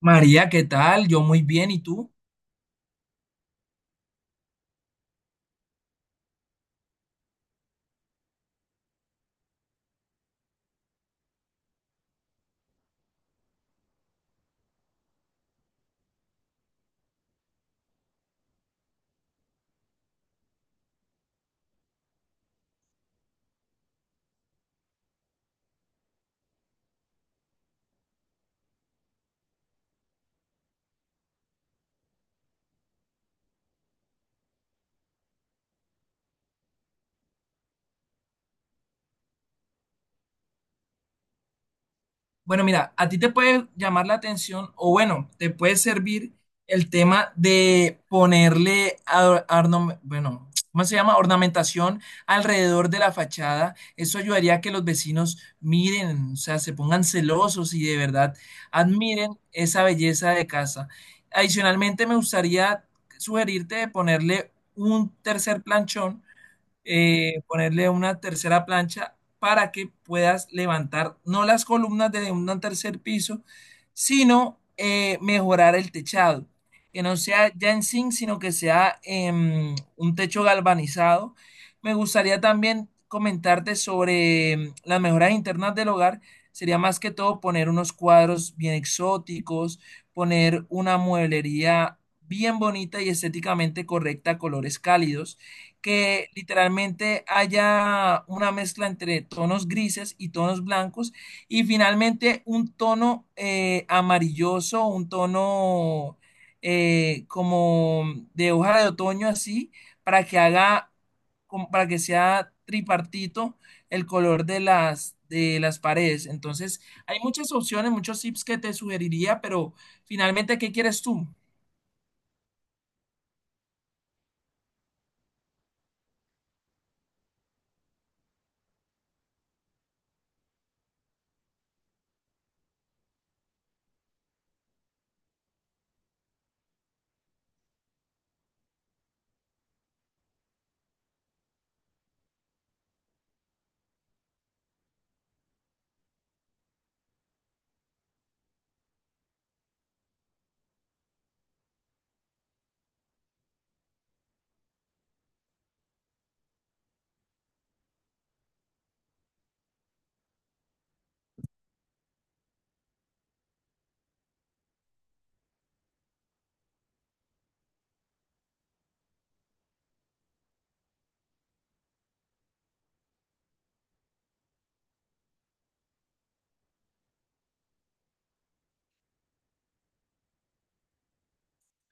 María, ¿qué tal? Yo muy bien, ¿y tú? Bueno, mira, a ti te puede llamar la atención o bueno, te puede servir el tema de ponerle, bueno, ¿cómo se llama? Ornamentación alrededor de la fachada. Eso ayudaría a que los vecinos miren, o sea, se pongan celosos y de verdad admiren esa belleza de casa. Adicionalmente, me gustaría sugerirte de ponerle un tercer planchón, ponerle una tercera plancha para que puedas levantar no las columnas de un tercer piso, sino mejorar el techado. Que no sea ya en zinc, sino que sea un techo galvanizado. Me gustaría también comentarte sobre las mejoras internas del hogar. Sería más que todo poner unos cuadros bien exóticos, poner una mueblería bien bonita y estéticamente correcta, colores cálidos, que literalmente haya una mezcla entre tonos grises y tonos blancos y finalmente un tono amarilloso, un tono como de hoja de otoño así, para que haga, como para que sea tripartito el color de las paredes. Entonces, hay muchas opciones, muchos tips que te sugeriría, pero finalmente, ¿qué quieres tú?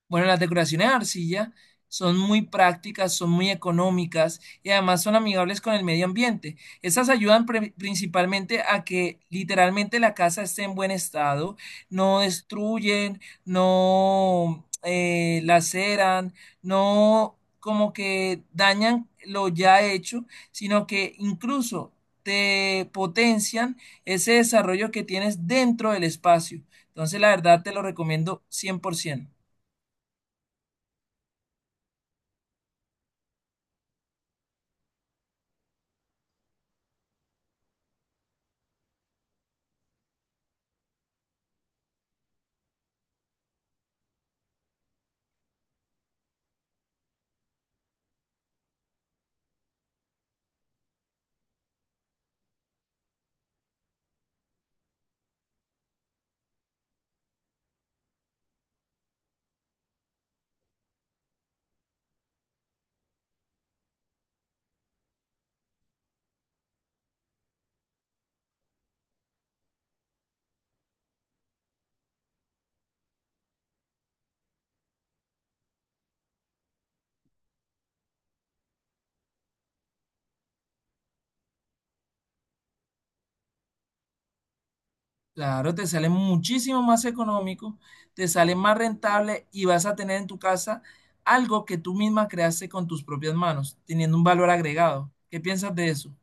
Bueno, las decoraciones de arcilla son muy prácticas, son muy económicas y además son amigables con el medio ambiente. Estas ayudan principalmente a que literalmente la casa esté en buen estado, no destruyen, no laceran, no como que dañan lo ya hecho, sino que incluso te potencian ese desarrollo que tienes dentro del espacio. Entonces, la verdad te lo recomiendo 100%. Claro, te sale muchísimo más económico, te sale más rentable y vas a tener en tu casa algo que tú misma creaste con tus propias manos, teniendo un valor agregado. ¿Qué piensas de eso?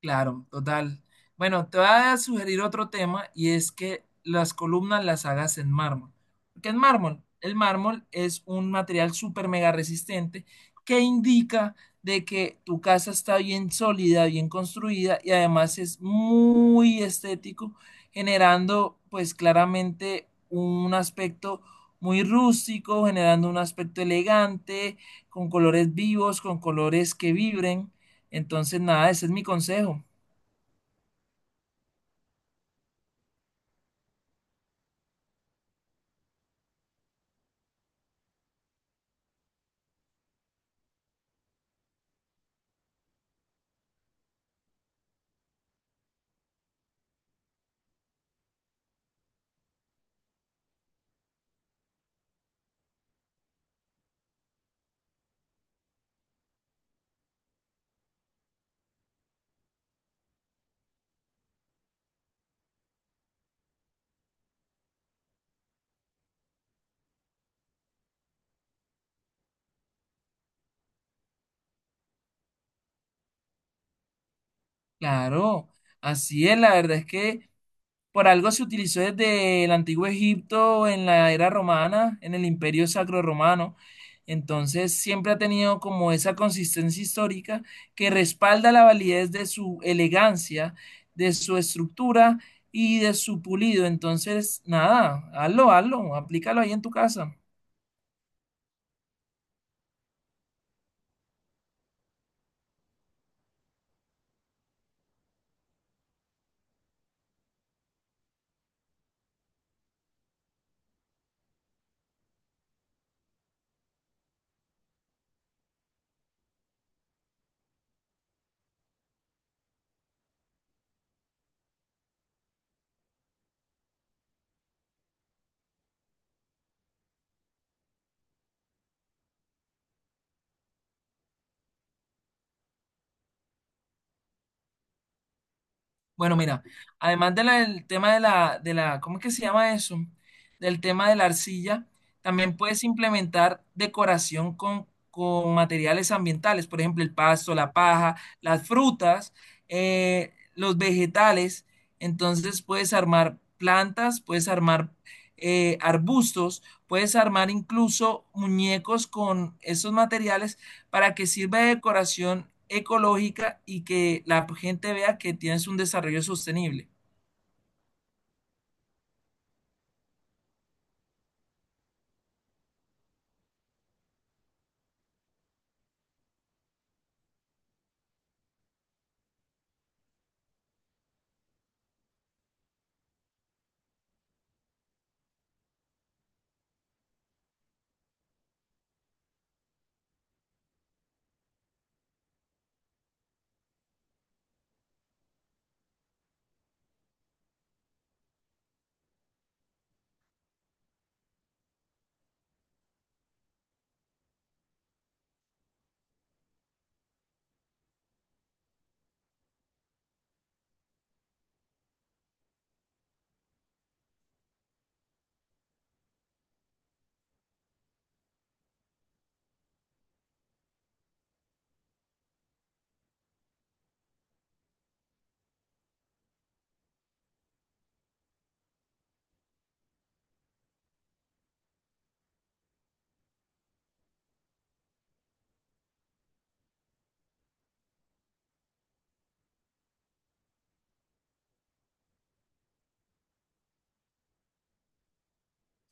Claro, total. Bueno, te voy a sugerir otro tema y es que las columnas las hagas en mármol. ¿Por qué en mármol? El mármol es un material súper mega resistente que indica de que tu casa está bien sólida, bien construida y además es muy estético, generando pues claramente un aspecto muy rústico, generando un aspecto elegante, con colores vivos, con colores que vibren. Entonces, nada, ese es mi consejo. Claro, así es, la verdad es que por algo se utilizó desde el antiguo Egipto, en la era romana, en el imperio sacro romano. Entonces siempre ha tenido como esa consistencia histórica que respalda la validez de su elegancia, de su estructura y de su pulido. Entonces, nada, hazlo, hazlo, aplícalo ahí en tu casa. Bueno, mira, además de del tema de la, ¿cómo es que se llama eso? Del tema de la arcilla, también puedes implementar decoración con materiales ambientales, por ejemplo, el pasto, la paja, las frutas, los vegetales. Entonces puedes armar plantas, puedes armar arbustos, puedes armar incluso muñecos con esos materiales para que sirva de decoración ecológica y que la gente vea que tienes un desarrollo sostenible.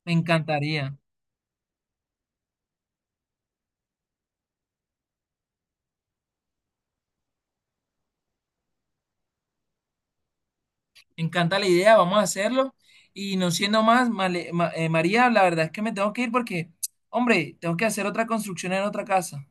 Me encantaría, me encanta la idea, vamos a hacerlo. Y no siendo más, María, la verdad es que me tengo que ir porque, hombre, tengo que hacer otra construcción en otra casa.